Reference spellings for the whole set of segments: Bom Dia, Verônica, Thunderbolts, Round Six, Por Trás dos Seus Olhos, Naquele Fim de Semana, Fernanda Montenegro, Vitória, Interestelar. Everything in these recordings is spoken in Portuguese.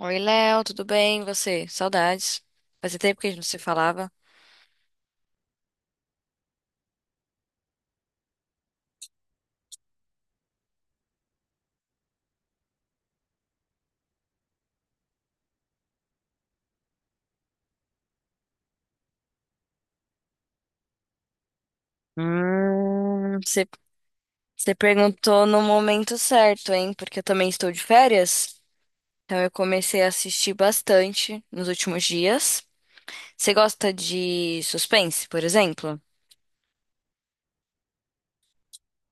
Oi, Léo, tudo bem? E você? Saudades. Fazia tempo que a gente não se falava. Hum, você você perguntou no momento certo, hein? Porque eu também estou de férias. Então eu comecei a assistir bastante nos últimos dias. Você gosta de suspense, por exemplo?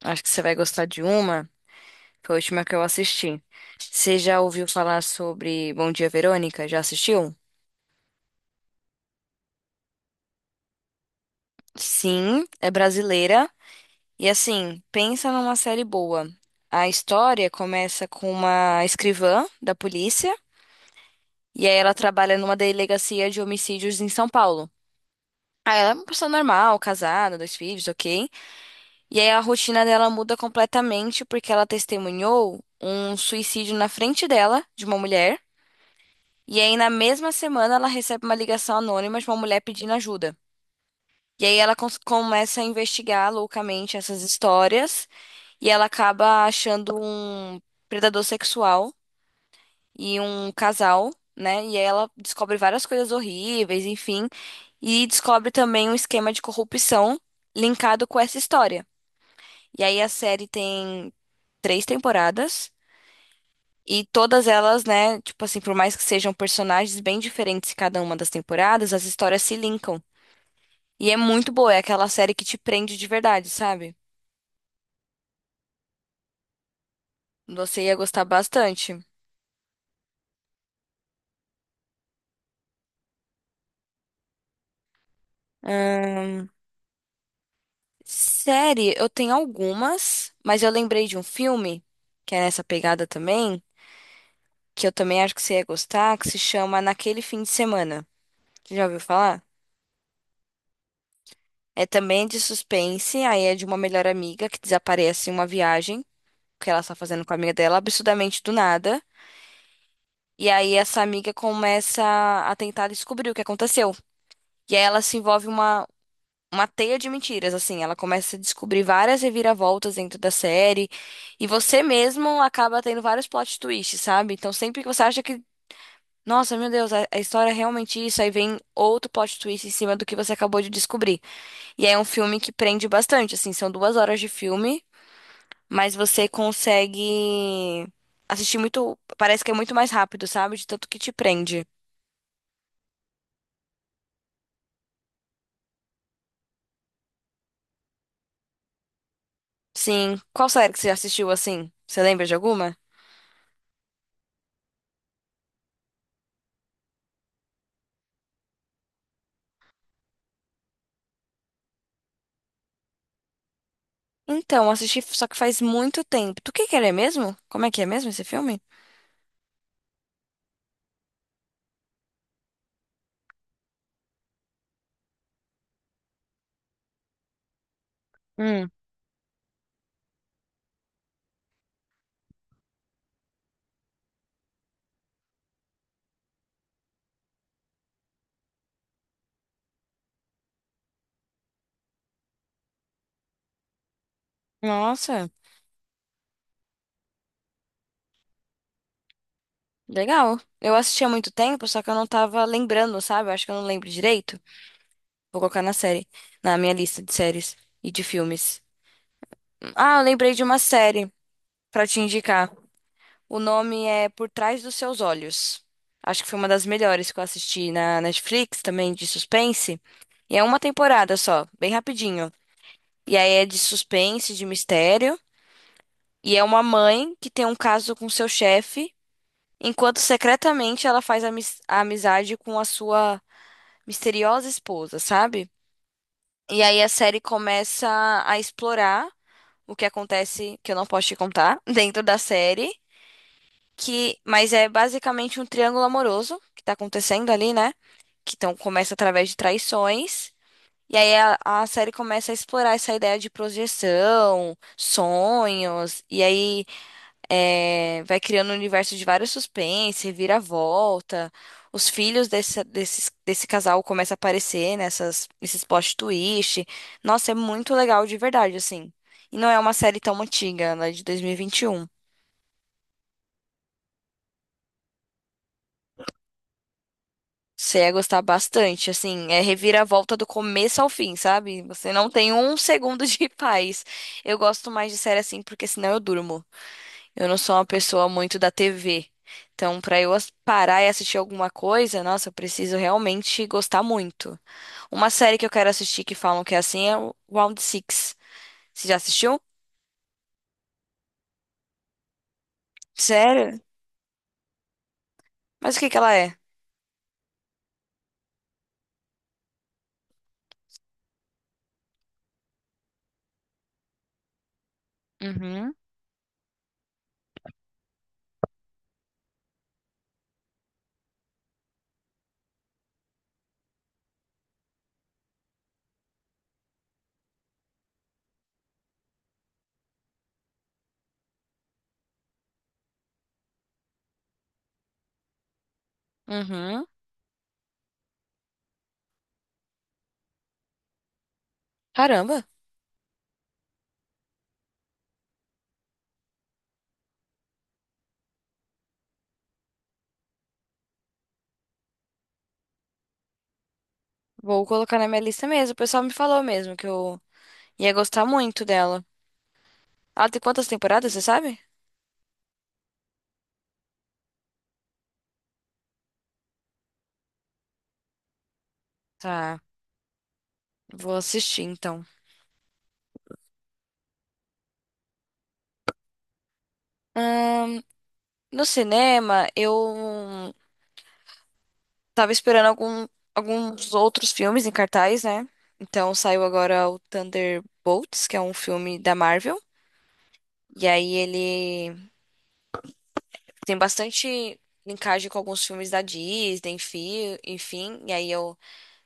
Acho que você vai gostar de uma. Foi a última que eu assisti. Você já ouviu falar sobre Bom Dia, Verônica? Já assistiu? Sim, é brasileira. E assim, pensa numa série boa. A história começa com uma escrivã da polícia, e aí ela trabalha numa delegacia de homicídios em São Paulo. Aí ela é uma pessoa normal, casada, dois filhos, ok? E aí a rotina dela muda completamente porque ela testemunhou um suicídio na frente dela, de uma mulher. E aí na mesma semana ela recebe uma ligação anônima de uma mulher pedindo ajuda. E aí ela começa a investigar loucamente essas histórias e ela acaba achando um predador sexual e um casal, né? E aí ela descobre várias coisas horríveis, enfim, e descobre também um esquema de corrupção linkado com essa história. E aí a série tem três temporadas. E todas elas, né, tipo assim, por mais que sejam personagens bem diferentes em cada uma das temporadas, as histórias se linkam. E é muito boa, é aquela série que te prende de verdade, sabe? Você ia gostar bastante. Ahn, série, eu tenho algumas, mas eu lembrei de um filme, que é nessa pegada também, que eu também acho que você ia gostar, que se chama Naquele Fim de Semana. Você já ouviu falar? É também de suspense, aí é de uma melhor amiga que desaparece em uma viagem, que ela está fazendo com a amiga dela, absurdamente do nada. E aí essa amiga começa a tentar descobrir o que aconteceu. E aí ela se envolve uma teia de mentiras, assim. Ela começa a descobrir várias reviravoltas dentro da série e você mesmo acaba tendo vários plot twists, sabe? Então sempre que você acha que, nossa, meu Deus, a história é realmente isso, aí vem outro plot twist em cima do que você acabou de descobrir. E aí é um filme que prende bastante, assim, são duas horas de filme, mas você consegue assistir muito, parece que é muito mais rápido, sabe? De tanto que te prende. Sim. Qual série que você assistiu assim? Você lembra de alguma? Então, assisti só que faz muito tempo. Do que ele é mesmo? Como é que é mesmo esse filme? Hum, nossa, legal. Eu assisti há muito tempo, só que eu não tava lembrando, sabe? Eu acho que eu não lembro direito. Vou colocar na série, na minha lista de séries e de filmes. Ah, eu lembrei de uma série pra te indicar. O nome é Por Trás dos Seus Olhos. Acho que foi uma das melhores que eu assisti na Netflix, também de suspense. E é uma temporada só, bem rapidinho. E aí é de suspense, de mistério. E é uma mãe que tem um caso com seu chefe, enquanto secretamente ela faz a amizade com a sua misteriosa esposa, sabe? E aí a série começa a explorar o que acontece, que eu não posso te contar, dentro da série, que mas é basicamente um triângulo amoroso que tá acontecendo ali, né? Que então começa através de traições. E aí a série começa a explorar essa ideia de projeção, sonhos, e aí é, vai criando um universo de vários suspense, reviravolta. Os filhos desse casal começam a aparecer nesses plot twist. Nossa, é muito legal de verdade, assim. E não é uma série tão antiga, ela é de 2021. Você ia gostar bastante, assim, é reviravolta do começo ao fim, sabe? Você não tem um segundo de paz. Eu gosto mais de série assim, porque senão eu durmo. Eu não sou uma pessoa muito da TV. Então, pra eu parar e assistir alguma coisa, nossa, eu preciso realmente gostar muito. Uma série que eu quero assistir que falam que é assim é o Round Six. Você já assistiu? Sério? Mas o que que ela é? Uhum, uhum. Caramba, vou colocar na minha lista mesmo. O pessoal me falou mesmo que eu ia gostar muito dela. Ela tem quantas temporadas, você sabe? Tá, vou assistir então. Ahn, no cinema, eu. Tava esperando alguns outros filmes em cartaz, né? Então saiu agora o Thunderbolts, que é um filme da Marvel. E aí ele tem bastante linkagem com alguns filmes da Disney, enfim. E aí é o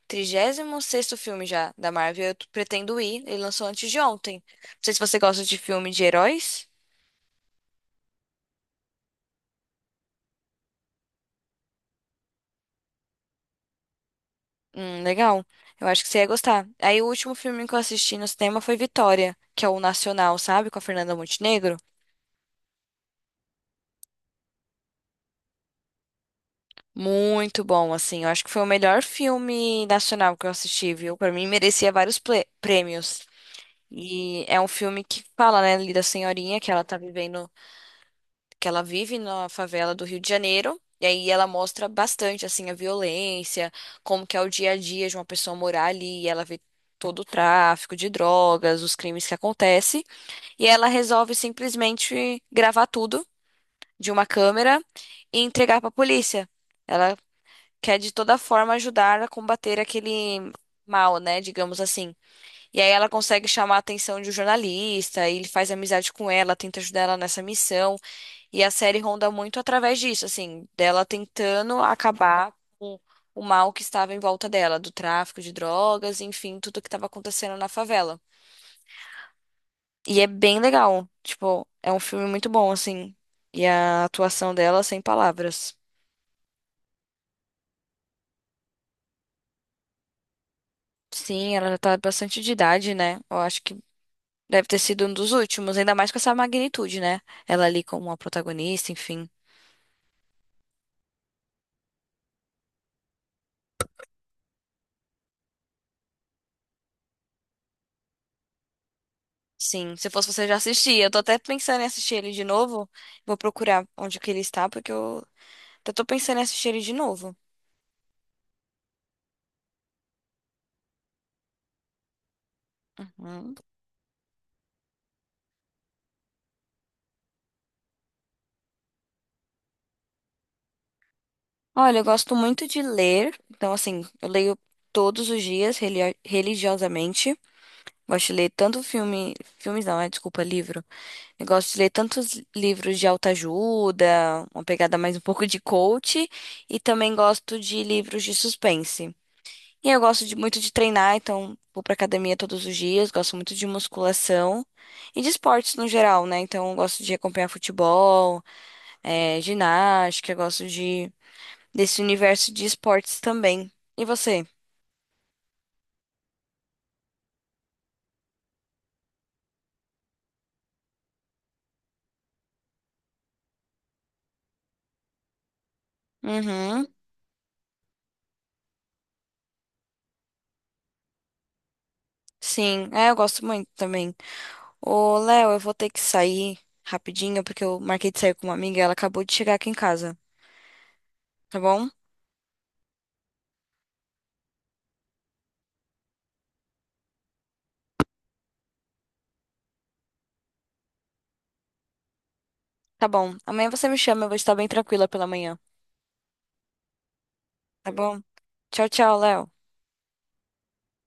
36º filme já da Marvel. Eu pretendo ir. Ele lançou antes de ontem. Não sei se você gosta de filme de heróis. Legal. Eu acho que você ia gostar. Aí o último filme que eu assisti no cinema foi Vitória, que é o Nacional, sabe? Com a Fernanda Montenegro. Muito bom, assim. Eu acho que foi o melhor filme nacional que eu assisti, viu? Pra mim, merecia vários prêmios. E é um filme que fala, né, ali da senhorinha que ela tá vivendo, que ela vive na favela do Rio de Janeiro. E aí ela mostra bastante, assim, a violência, como que é o dia a dia de uma pessoa morar ali. E ela vê todo o tráfico de drogas, os crimes que acontecem. E ela resolve simplesmente gravar tudo de uma câmera e entregar pra polícia. Ela quer de toda forma ajudar a combater aquele mal, né, digamos assim. E aí ela consegue chamar a atenção de um jornalista, e ele faz amizade com ela, tenta ajudar ela nessa missão, e a série ronda muito através disso, assim, dela tentando acabar com o mal que estava em volta dela, do tráfico de drogas, enfim, tudo que estava acontecendo na favela. E é bem legal, tipo, é um filme muito bom, assim, e a atuação dela sem palavras. Sim, ela já tá bastante de idade, né? Eu acho. Deve ter sido um dos últimos, ainda mais com essa magnitude, né? Ela ali como uma protagonista, enfim. Sim, se fosse você já assistia. Eu tô até pensando em assistir ele de novo. Vou procurar onde que ele está, porque eu até tô pensando em assistir ele de novo. Uhum. Olha, eu gosto muito de ler. Então, assim, eu leio todos os dias, religiosamente. Gosto de ler tanto filme. Filmes não, é, desculpa, livro. Eu gosto de ler tantos livros de autoajuda, uma pegada mais um pouco de coach, e também gosto de livros de suspense. E eu gosto muito de treinar, então vou pra academia todos os dias, gosto muito de musculação e de esportes no geral, né? Então eu gosto de acompanhar futebol, ginástica, eu gosto de desse universo de esportes também. E você? Uhum, sim, é, eu gosto muito também. Ô, Léo, eu vou ter que sair rapidinho, porque eu marquei de sair com uma amiga e ela acabou de chegar aqui em casa, tá bom? Tá bom. Amanhã você me chama, eu vou estar bem tranquila pela manhã, tá bom? Tchau, tchau, Léo.